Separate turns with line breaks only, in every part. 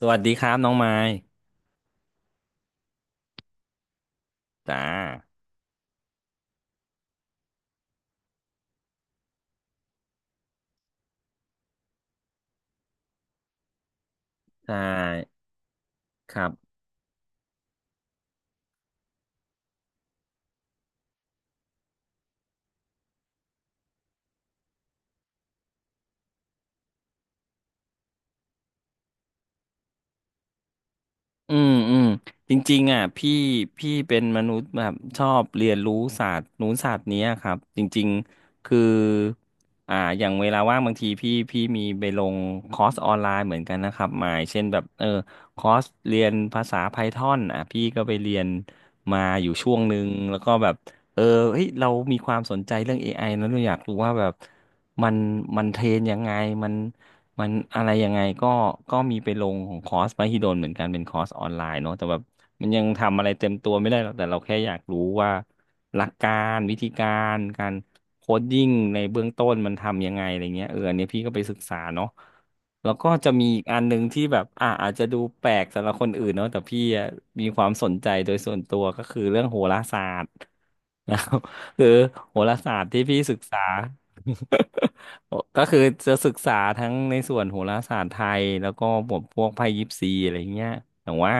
สวัสดีครับน้องไม้จ้าใช่ครับอืมอืมจริงๆอ่ะพี่เป็นมนุษย์แบบชอบเรียนรู้ศาสตร์นู้นศาสตร์เนี้ยครับ จริงๆ คืออย่างเวลาว่างบางทีพี่มีไปลงคอร์สออนไลน์เหมือนกันนะครับหมายเช่นแบบคอร์สเรียนภาษา Python อนอ่ะพี่ก็ไปเรียนมาอยู่ช่วงหนึ่งแล้วก็แบบเออเฮ้ยเรามีความสนใจเรื่อง AI นะเราอยากรู้ว่าแบบ มันมันเทรนยังไงมัน มันอะไรยังไงก็มีไปลงของคอร์สมหิดลเหมือนกันเป็นคอร์สออนไลน์เนาะแต่แบบมันยังทำอะไรเต็มตัวไม่ได้หรอกแต่เราแค่อยากรู้ว่าหลักการวิธีการการโคดดิ้งในเบื้องต้นมันทำยังไงอะไรเงี้ยเอออันเนี้ยพี่ก็ไปศึกษาเนาะแล้วก็จะมีอีกอันหนึ่งที่แบบอาจจะดูแปลกสำหรับคนอื่นเนาะแต่พี่อะมีความสนใจโดยส่วนตัวก็คือเรื่องโหราศาสตร์ นะครับคือโหราศาสตร์ที่พี่ศึกษา โอ้ก็คือจะศึกษาทั้งในส่วนโหราศาสตร์ไทยแล้วก็บวกพวกไพ่ยิปซีอะไรเงี้ยแต่ว่า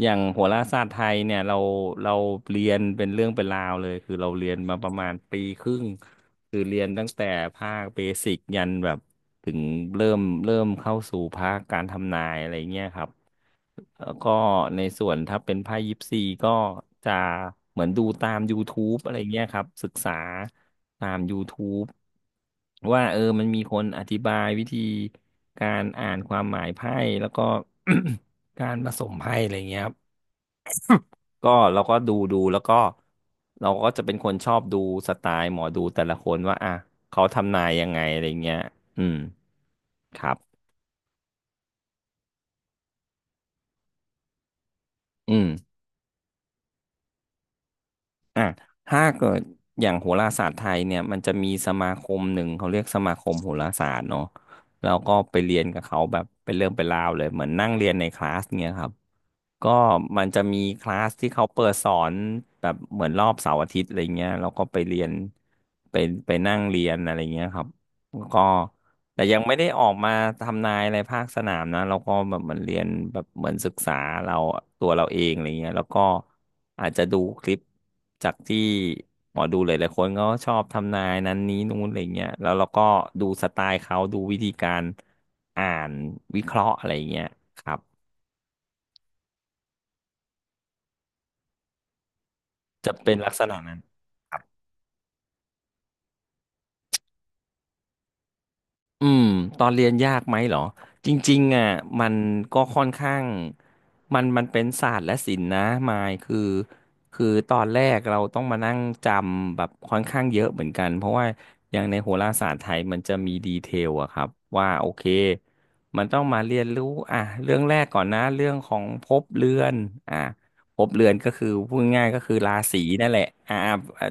อย่างโหราศาสตร์ไทยเนี่ยเราเรียนเป็นเรื่องเป็นราวเลยคือเราเรียนมาประมาณปีครึ่งคือเรียนตั้งแต่ภาคเบสิกยันแบบถึงเริ่มเข้าสู่ภาคการทำนายอะไรเงี้ยครับ แล้วก็ในส่วนถ้าเป็นไพ่ยิปซีก็จะเหมือนดูตาม YouTube อะไรเงี้ยครับศึกษาตาม YouTube ว่าเออมันมีคนอธิบายวิธีการอ่านความหมายไพ่แล้วก็ การผสมไพ่อะไรเงี้ยครับก็เราก็ดูแล้วก็เราก็จะเป็นคนชอบดูสไตล์หมอดูแต่ละคนว่าอ่ะเขาทำนายยังไงอะไรเงี้ยอืมครับอืม อ่ะถ้าเกิดอย่างโหราศาสตร์ไทยเนี่ยมันจะมีสมาคมหนึ่งเขาเรียกสมาคมโหราศาสตร์เนาะแล้วก็ไปเรียนกับเขาแบบเป็นเรื่องเป็นราวเลยเหมือนนั่งเรียนในคลาสเนี่ยครับก็มันจะมีคลาสที่เขาเปิดสอนแบบเหมือนรอบเสาร์อาทิตย์อะไรเงี้ยเราก็ไปเรียนไปไปนั่งเรียนอะไรเงี้ยครับก็ แต่ยังไม่ได้ออกมาทำนายอะไรภาคสนามนะเราก็แบบเหมือนเรียนแบบเหมือนศึกษาเราตัวเราเองอะไรเงี้ยแล้วก็อาจจะดูคลิปจากที่หมอดูหลายๆคนก็ชอบทำนายนั้นนี้นู้นอะไรเงี้ยแล้วเราก็ดูสไตล์เขาดูวิธีการอ่านวิเคราะห์อะไรเงี้ยครับจะเป็นลักษณะนั้น อืมตอนเรียนยากไหมเหรอจริงๆอ่ะมันก็ค่อนข้างมันเป็นศาสตร์และศิลป์นะมายคือคือตอนแรกเราต้องมานั่งจำแบบค่อนข้างเยอะเหมือนกันเพราะว่าอย่างในโหราศาสตร์ไทยมันจะมีดีเทลอะครับว่าโอเคมันต้องมาเรียนรู้อ่ะเรื่องแรกก่อนนะเรื่องของภพเรือนอ่ะภพเรือนก็คือพูดง่ายๆก็คือราศีนั่นแหละอ่า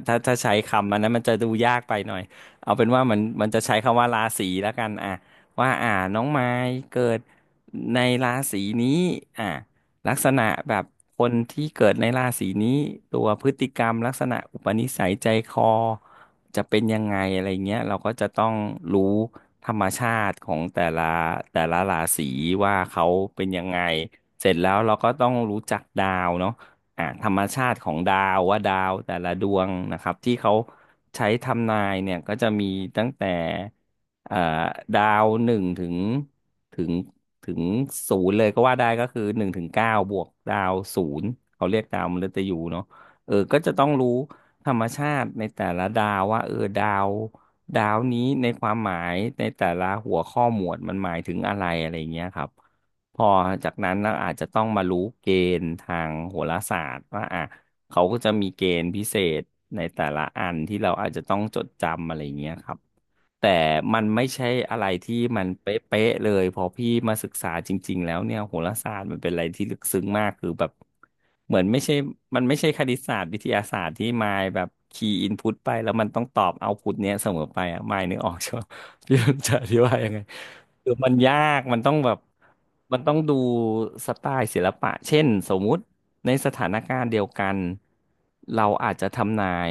ถ้าใช้คำอันนั้นมันจะดูยากไปหน่อย เอาเป็นว่ามันจะใช้คำว่าราศีแล้วกันอ่ะว่าอ่าน้องไม้เกิดในราศีนี้อ่ะลักษณะแบบคนที่เกิดในราศีนี้ตัวพฤติกรรมลักษณะอุปนิสัยใจคอจะเป็นยังไงอะไรเงี้ยเราก็จะต้องรู้ธรรมชาติของแต่ละราศีว่าเขาเป็นยังไงเสร็จแล้วเราก็ต้องรู้จักดาวเนาะอ่าธรรมชาติของดาวว่าดาวแต่ละดวงนะครับที่เขา ใช้ทำนายเนี่ยก็จะมีตั้งแต่เอ่อดาวหนึ่งถึงถึงศูนย์เลยก็ว่าได้ก็คือหนึ่งถึงเก้าบวกดาวศูนย์เขาเรียกดาวมฤตยูเนาะเออก็จะต้องรู้ธรรมชาติในแต่ละดาวว่าเออดาวนี้ในความหมายในแต่ละหัวข้อหมวดมันหมายถึงอะไรอะไรเงี้ยครับ พอจากนั้นเราอาจจะต้องมารู้เกณฑ์ทางโหราศาสตร์ว่าอ่ะเขาก็จะมีเกณฑ์พิเศษในแต่ละอันที่เราอาจจะต้องจดจำอะไรอย่างเงี้ยครับแต่มันไม่ใช่อะไรที่มันเป๊ะๆเลยพอพี่มาศึกษาจริงๆแล้วเนี่ยโหราศาสตร์มันเป็นอะไรที่ลึกซึ้งมากคือแบบเหมือนไม่ใช่มันไม่ใช่คณิตศาสตร์วิทยาศาสตร์ที่มายแบบคีย์อินพุตไปแล้วมันต้องตอบเอาพุตเนี้ยเสมอไปอ่ะมายนึกออกใช่ไหม พี่จะอธิบายยังไง คือมันยากมันต้องแบบมันต้องดูสไตล์ศิลปะเช่นสมมุติในสถานการณ์เดียวกันเราอาจจะทำนาย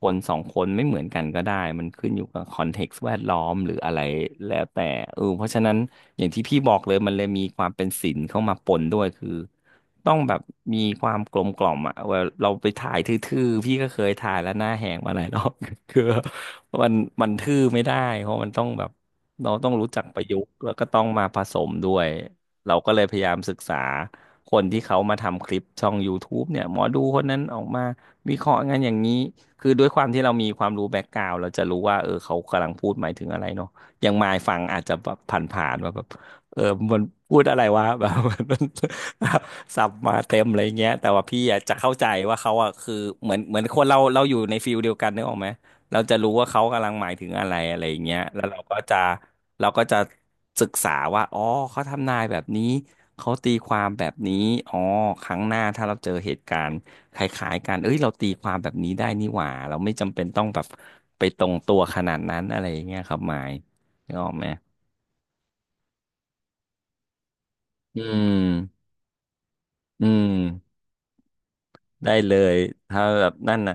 คนสองคนไม่เหมือนกันก็ได้มันขึ้นอยู่กับคอนเท็กซ์แวดล้อมหรืออะไรแล้วแต่เพราะฉะนั้นอย่างที่พี่บอกเลยมันเลยมีความเป็นศิลป์เข้ามาปนด้วยคือต้องแบบมีความกลมกล่อมอ่ะเวลาเราไปถ่ายทื่อๆพี่ก็เคยถ่ายแล้วหน้าแหงมาหลายรอบ คือมันมันทื่อไม่ได้เพราะมันต้องแบบเราต้องรู้จักประยุกต์แล้วก็ต้องมาผสมด้วยเราก็เลยพยายามศึกษาคนที่เขามาทำคลิปช่อง YouTube เนี่ยหมอดูคนนั้นออกมาวิเคราะห์งานอย่างนี้คือด้วยความที่เรามีความรู้แบ็กกราวด์เราจะรู้ว่าเขากำลังพูดหมายถึงอะไรเนาะอย่างมายฟังอาจจะแบบผ่านๆว่าแบบเออมันพูดอะไรวะ แบบมัน สับมาเต็มอะไรเงี้ยแต่ว่าพี่อะจะเข้าใจว่าเขาอะคือเหมือนคนเราเราอยู่ในฟิลเดียวกันนึกออกไหม เราจะรู้ว่าเขากำลังหมายถึงอะไรอะไรอย่างเงี้ยแล้วเราก็จะศึกษาว่าอ๋อเขาทำนายแบบนี้เขาตีความแบบนี้อ๋อครั้งหน้าถ้าเราเจอเหตุการณ์คล้ายๆกันเอ้ยเราตีความแบบนี้ได้นี่หว่าเราไม่จำเป็นต้องแบบไปตรงตัวขนาดนั้นอะไรอย่างเงี้ยครับหมายนึกออกไหมอืมอืมได้เลยถ้าแบบนั่นนะ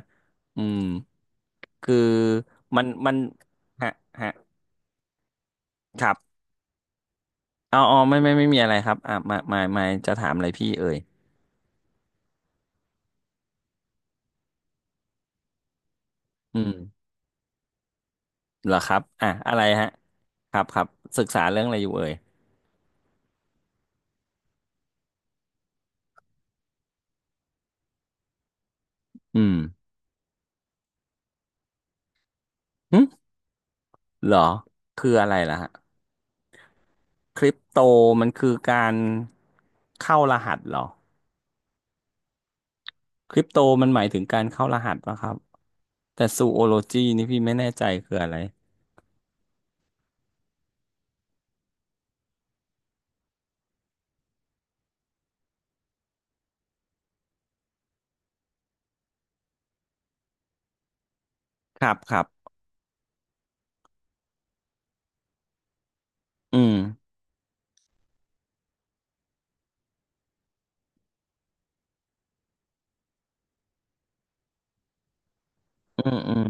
อืมคือมันฮะฮะครับ เอาอ๋อไม่ไม่มีอะไรครับอ่ะมาจะถามอะไรพี่เอ่ยอืมเหรอครับอ่ะอะไรฮะครับครับศึกษาเรื่องอะไรอยู่เอ่ยอืมหึเหรอคืออะไรล่ะฮะคริปโตมันคือการเข้ารหัสเหรอคริปโตมันหมายถึงการเข้ารหัสปะครับแต่ซูโอโลจีนี่พี่ไม่แน่ใจคืออะไรครับครับอืมอืมอืม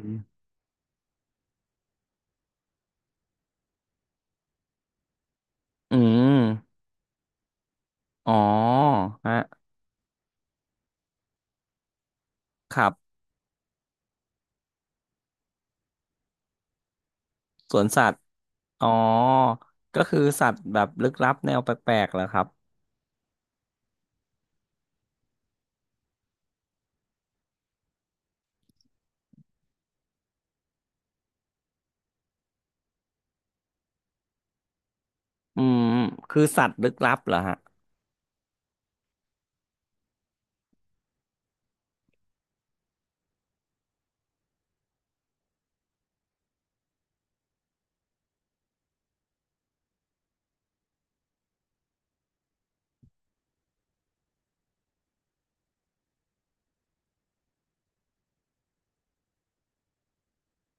อืมอ๋อฮะครับสวนสัตว์ อ๋อก็คือสัตว์แบบลึกลับแนวแปลกๆเหรอครับอืมคือสัตว์ลึกลับเหรอฮะ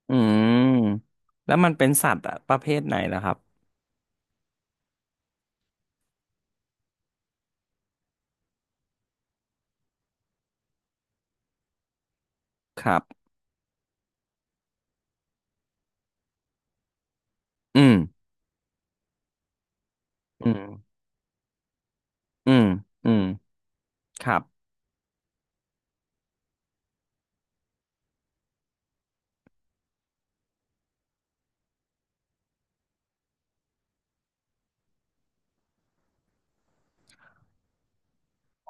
อืมแล้วมันเป็นสัตว์อะประเภทไหนล่ะครับครับอืมอืมอืมอืมครับ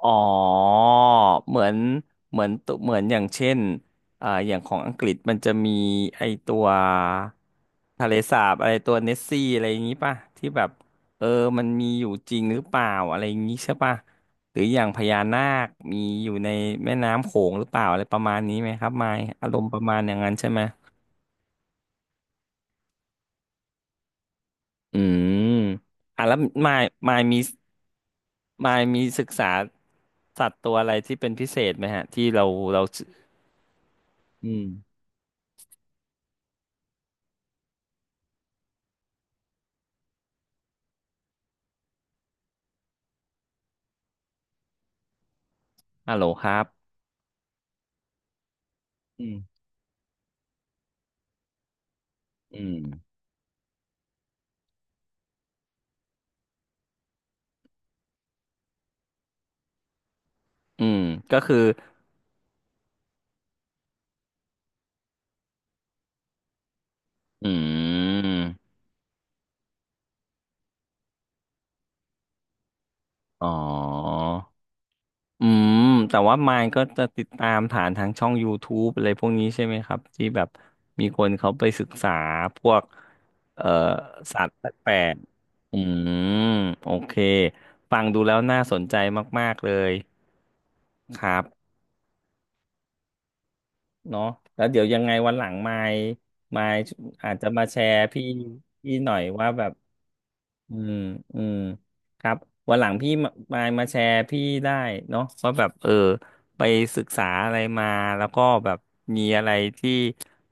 อ๋อเหมือนเหมือนตัวเหมือนอย่างเช่นอย่างของอังกฤษมันจะมีไอตัวทะเลสาบอะไรตัวเนสซี่อะไรอย่างนี้ป่ะที่แบบเออมันมีอยู่จริงหรือเปล่าอะไรอย่างนี้ใช่ป่ะหรืออย่างพญานาคมีอยู่ในแม่น้ำโขงหรือเปล่าอะไรประมาณนี้ไหมครับมายอารมณ์ประมาณอย่างนั้นใช่ไหมอืมอ่ะแล้วมายมายมายมีศึกษาสัตว์ตัวอะไรที่เป็นพิเศษไหมฮะที่เราอืม ฮัลโหลครับอืมอืม อืม ก็คืออืมอ๋ออืมแต่ว่ามายก็จะติดตามฐานทางช่อง YouTube อะไรพวกนี้ใช่ไหมครับที่แบบมีคนเขาไปศึกษาพวกเอ่อสัตว์แปลกๆอืมโอเคฟังดูแล้วน่าสนใจมากๆเลยครับเนาะแล้วเดี๋ยวยังไงวันหลังมายอาจจะมาแชร์พี่หน่อยว่าแบบ อืมอืมครับวันหลังพี่มาแชร์พี่ได้เนาะว่าแบบไปศึกษาอะไรมาแล้วก็แบบมีอะไรที่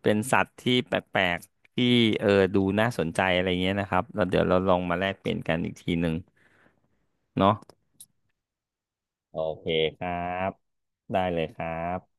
เป็นสัตว์ที่แปลกๆที่เออดูน่าสนใจอะไรเงี้ยนะครับแล้วเดี๋ยวเราลองมาแลกเปลี่ยนกันอีกทีหนึ่งเนาะโอเคครับได้เลยครับ